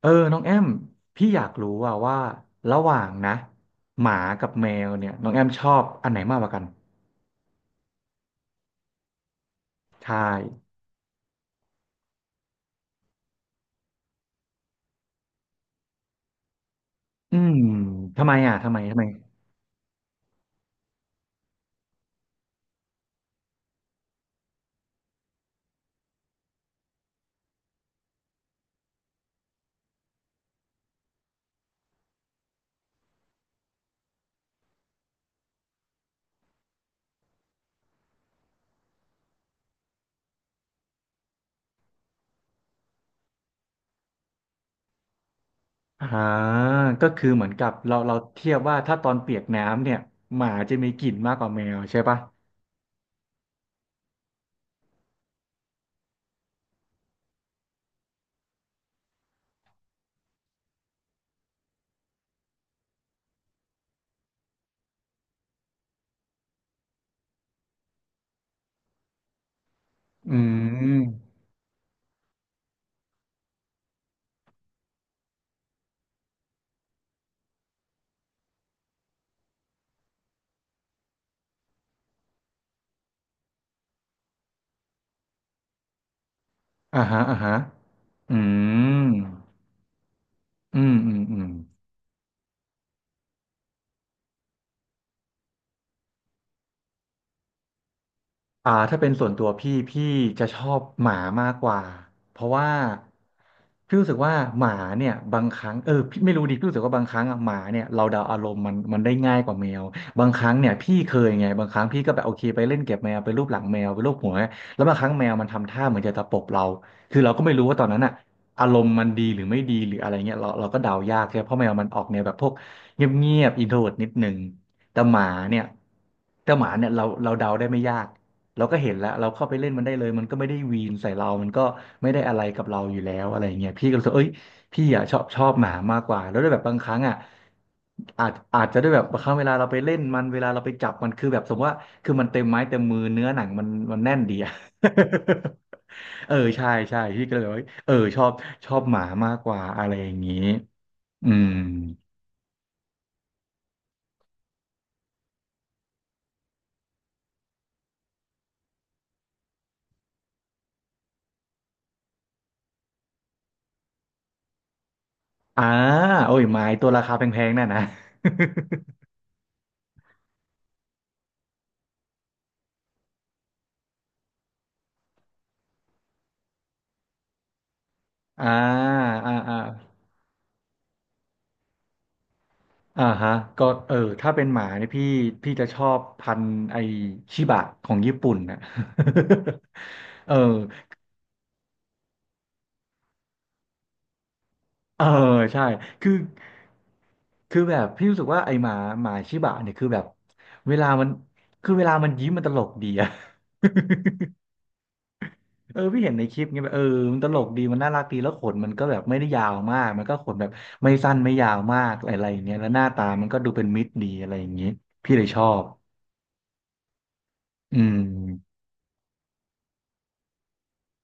เออน้องแอมพี่อยากรู้ว่าระหว่างนะหมากับแมวเนี่ยน้องแอมชอบอันไหนมากกว่ากันใช่อืมทำไมอ่ะทำไมอ่าก็คือเหมือนกับเราเทียบว่าถ้าตอนเปียกน้ำเนี่ยหมาจะมีกลิ่นมากกว่าแมวใช่ปะอืมอ่าฮะอ่าฮะอืมอืมอืมอืม อ่าถ้าเป็นส่วนตัวพี่จะชอบหมามากกว่าเพราะว่าพี่รู้สึกว่าหมาเนี่ยบางครั้งพี่ไม่รู้ดิพี่รู้สึกว่าบางครั้งอะหมาเนี่ยเราเดาอารมณ์มันได้ง่ายกว่าแมวบางครั้งเนี่ยพี่เคยไงบางครั้งพี่ก็แบบโอเคไปเล่นเก็บแมวไปรูปหลังแมวไปรูปหัวแล้วบางครั้งแมวมันทำท่าเหมือนจะตะปบเราคือเราก็ไม่รู้ว่าตอนนั้นอะอารมณ์มันดีหรือไม่ดีหรืออะไรเงี้ยเราก็เดายากใช่ไหมเพราะแมวมันออกแนวแบบพวกเงียบอินโทรดนิดนึงแต่หมาเนี่ยแต่หมาเนี่ยเราเดาได้ไม่ยาก เราก็เห็นแล้วเราเข้าไปเล่นมันได้เลยมันก็ไม่ได้วีนใส่เรามันก็ไม่ได้อะไรกับเราอยู่แล้วอะไรอย่างเงี้ยพี่ก็รู้สึกเอ้ยพี่อ่ะชอบหมามากกว่าแล้วด้วยแบบบางครั้งอ่ะอาจจะด้วยแบบบางครั้งเวลาเราไปเล่นมันเวลาเราไปจับมันคือแบบสมมติว่าคือมันเต็มไม้เต็มมือเนื้อหนังมันแน่นดีอ่ะ เออใช่พี่ก็เลยแบบว่าเออชอบหมามากกว่าอะไรอย่างงี้อืมอ่าโอ้ยไม้ตัวราคาแพงๆน่ะนะ อ่าอ่าอ่า อ่าฮะก็เออถ้าเป็นหมาเนี่ยพี่จะชอบพันธุ์ไอชิบะของญี่ปุ่นนะ เออเออใช่คือคือแบบพี่รู้สึกว่าไอหมาชิบะเนี่ยคือแบบเวลามันคือเวลามันยิ้มมันตลกดีอะ เออพี่เห็นในคลิปไงแบบเออมันตลกดีมันน่ารักดีแล้วขนมันก็แบบไม่ได้ยาวมากมันก็ขนแบบไม่สั้นไม่ยาวมากอะไรอย่างเงี้ยแล้วหน้าตามันก็ดูเป็นมิตรดีอะไรอย่างงี้พี่เลยชอบอืม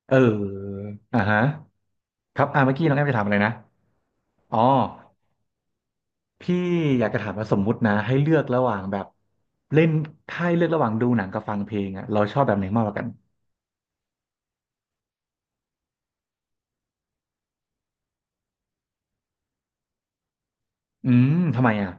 เอออ่าฮะครับอ่าเมื่อกี้น้องแอมจะถามอะไรนะอ๋อพี่อยากจะถามว่าสมมุตินะให้เลือกระหว่างแบบเล่นถ้าให้เลือกระหว่างดูหนังกับฟังเพลงอะเราชอบแบบไหนมากกว่ากันอืมทำไมอ่ะ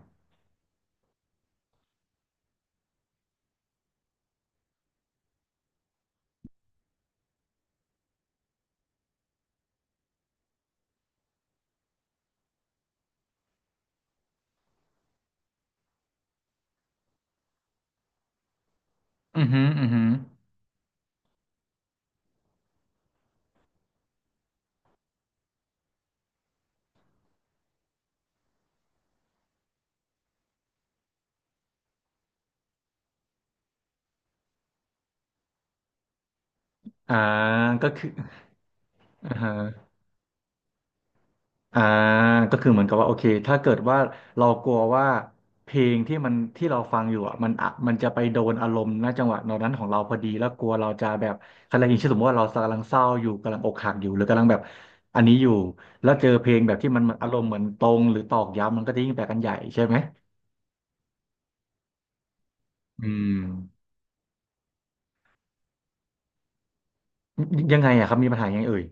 อือหืออือหืออ่าก็คือ อ่าฮะ อ่าก็คือเหมือนกับว่าโอเคถ้าเกิดว่าเรากลัวว่าเพลงที่มันที่เราฟังอยู่อ่ะมันจะไปโดนอารมณ์ณจังหวะนั้นของเราพอดีแล้วกลัวเราจะแบบอะไรอย่างเช่นสมมติว่าเรากำลังเศร้าอยู่กำลังอกหักอยู่หรือกำลังแบบอันนี้อยู่แล้วเจอเพลงแบบที่มันอารมณ์เหมือนตรงหรือตอกย้ำมันก็จะยิ่งแปลกันใหญ่ใช่ไหมอืมยังไงอ่ะครับมีปัญหายังไงเอ่ย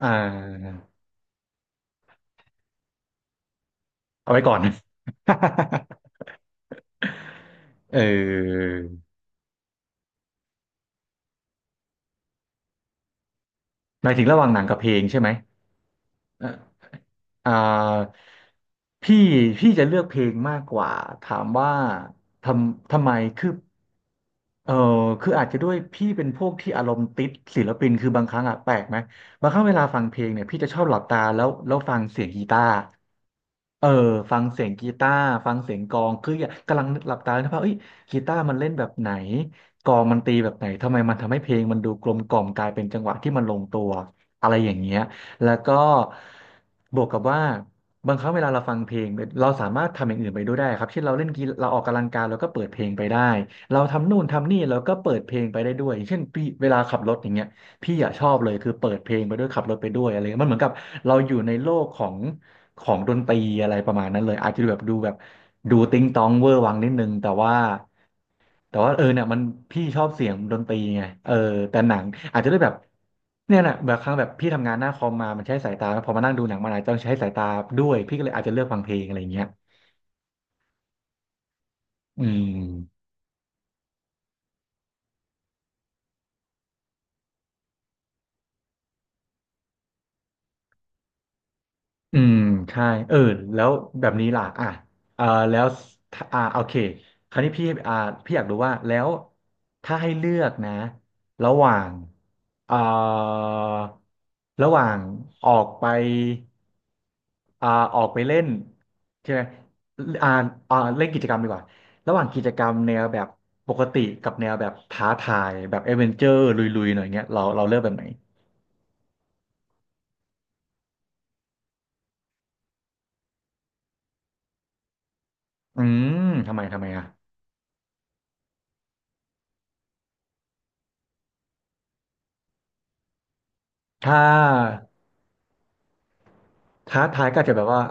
อ่าเอาไว้ก่อน เออหมายถึงระหว่างหนังกับเพลงใช่ไหม อ่าพี่พี่จะเลือกเพลงมากกว่าถามว่าทำไมคือเออคืออาจจะด้วยพี่เป็นพวกที่อารมณ์ติดศิลปินคือบางครั้งอะแปลกไหมบางครั้งเวลาฟังเพลงเนี่ยพี่จะชอบหลับตาแล้วฟังเสียงกีตาร์เออฟังเสียงกีตาร์ฟังเสียงกลองคืออยากกำลังนึกหลับตาแล้วว่าเอ้ยกีตาร์มันเล่นแบบไหนกลองมันตีแบบไหนทำไมมันทำให้เพลงมันดูกลมกล่อมกลายเป็นจังหวะที่มันลงตัวอะไรอย่างเงี้ย แล้วก็บวกกับว่าบางครั้งเวลาเราฟังเพลงเราสามารถทำอย่างอื่นไปด้วยได้ครับเช่นเราเล่นกีฬาเราออกกำลังกายเราก็เปิดเพลงไปได้เราทำนู่นทำนี่เราก็เปิดเพลงไปได้ด้วยอย่างเช่นพี่เวลาขับรถอย่างเงี้ยพี่อะชอบเลยคือเปิดเพลงไปด้วยขับรถไปด้วยอะไรเงี้ยมันเหมือนกับเราอยู่ในโลกของของดนตรีอะไรประมาณนั้นเลยอาจจะดูแบบดูติงตองเวอร์วังนิดนึงแต่ว่า แต่ว่าเออเนี่ยมันพี่ชอบเสียงดนตรีไงเออแต่หนังอาจจะได้แบบเนี่ยแะแบบครั้งแบบพี่ทำงานหน้าคอมมามันใช้สายตาพอมานั่งดูหนังมันอาจจะต้องใช้สายตาด้วยพี่ก็เลยอาจจะเลือกฟังเพลงอะไรอย่างเงี้ยอืม อืมใช่เออแล้วแบบนี้ล่ะอ่ะอ่าแล้วอ่าโอเคคราวนี้พี่พี่อยากรู้ว่าแล้วถ้าให้เลือกนะ ระหว่างอ่าระหว่างออกไปอ่าออกไปเล่นใช่ไหมอ่าเล่นกิจกรรมดีกว่า ระหว่างกิจกรรมแนวแบบปกติกับแนวแบบท้าทายแบบเอดเวนเจอร์ลุยๆ หน่อยเงี้ยเราเลือกแบบไหนอืมทำไมอ่ะถ้า ท้าทายก็อาจจะแบบว่า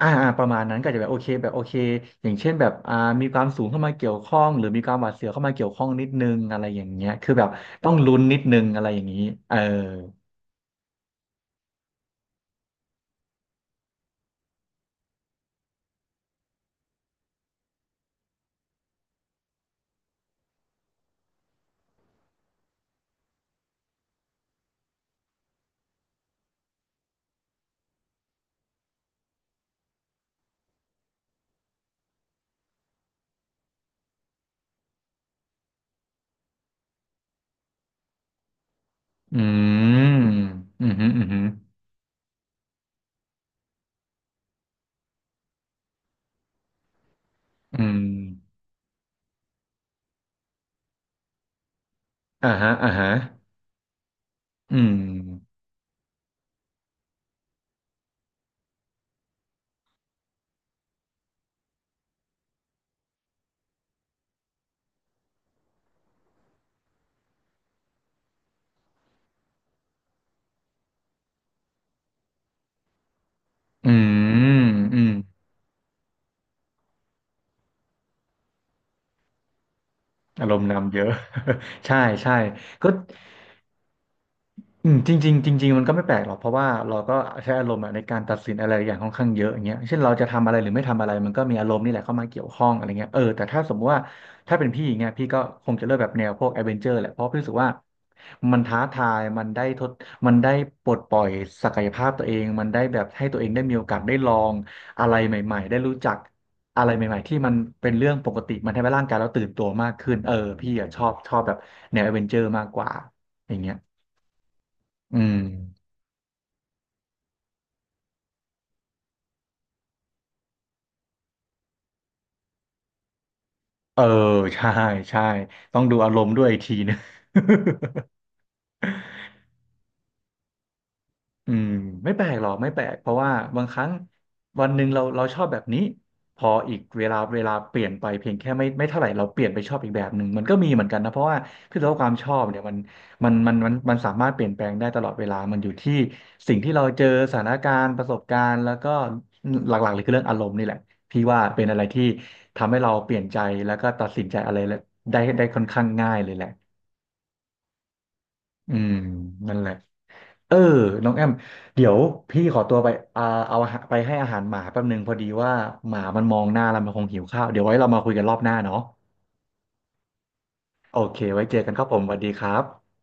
ประมาณนั้นก็อาจจะแบบโอเคแบบโอเค อย่างเช่นแบบมีความสูงเข้ามาเกี่ยวข้อง หรือมีความหวาดเสียวเข้ามาเกี่ยวข้องนิดนึง อะไรอย่างเงี้ยคือแบบต้องลุ้นนิดนึงอะไรอย่างนี้เอออืมอืมอหืมออืมอหืออืมอ่าฮะอ่าฮะอืมอืมอืมอารมณ์นำเยอะ ใช่ใช่ก็ อืมจริงๆจริงๆมันก็ไม่แปลกหรอกเพราะว่าเราก็ใช้อารมณ์อะในการตัดสินอะไรอย่างค่อนข้างเยอะอย่างเงี้ยเช่นเราจะทำอะไรหรือไม่ทำอะไรมันก็มีอารมณ์นี่แหละเข้ามาเกี่ยวข้องอะไรเงี้ยเออแต่ถ้าสมมติว่าถ้าเป็นพี่อย่างเงี้ยพี่ก็คงจะเลือกแบบแนวพวกแอดเวนเจอร์แหละเพราะพี่รู้สึกว่ามันท้าทายมันได้ปลดปล่อยศักยภาพตัวเองมันได้แบบให้ตัวเองได้มีโอกาสได้ลองอะไรใหม่ๆได้รู้จักอะไรใหม่ๆที่มันเป็นเรื่องปกติมันทำให้ร่างกายเราตื่นตัวมากขึ้นเออพี่อะชอบแบบแนวแอดเวนเจอร์มากกว่าอย่างเงี้ยอืม เออ ใช่ใช่ต้องดูอารมณ์ด้วยอีกทีนึง อืมไม่แปลกหรอกไม่แปลกเพราะว่าบางครั้งวันหนึ่งเราชอบแบบนี้พออีกเวลาเปลี่ยนไปเพียงแค่ไม่เท่าไหร่เราเปลี่ยนไปชอบอีกแบบหนึ่งมันก็มีเหมือนกันนะเพราะว่าคือตัวความชอบเนี่ยมันสามารถเปลี่ยนแปลงได้ตลอดเวลามันอยู่ที่สิ่งที่เราเจอสถานการณ์ประสบการณ์แล้วก็หลักๆเลยคือเรื่องอารมณ์นี่แหละพี่ว่าเป็นอะไรที่ทำให้เราเปลี่ยนใจแล้วก็ตัดสินใจอะไรได้ค่อนข้างง่ายเลยแหละ อืมนั่นแหละเออน้องแอมเดี๋ยวพี่ขอตัวไปอ่าเอาอาหารไปให้อาหารหมาแป๊บนึงพอดีว่าหมามันมองหน้าแล้วมันคงหิวข้าวเดี๋ยวไว้เรามาคุยกันรอบหน้าเนาะโอเคไว้เจอกันครับผมสวัสดีครับ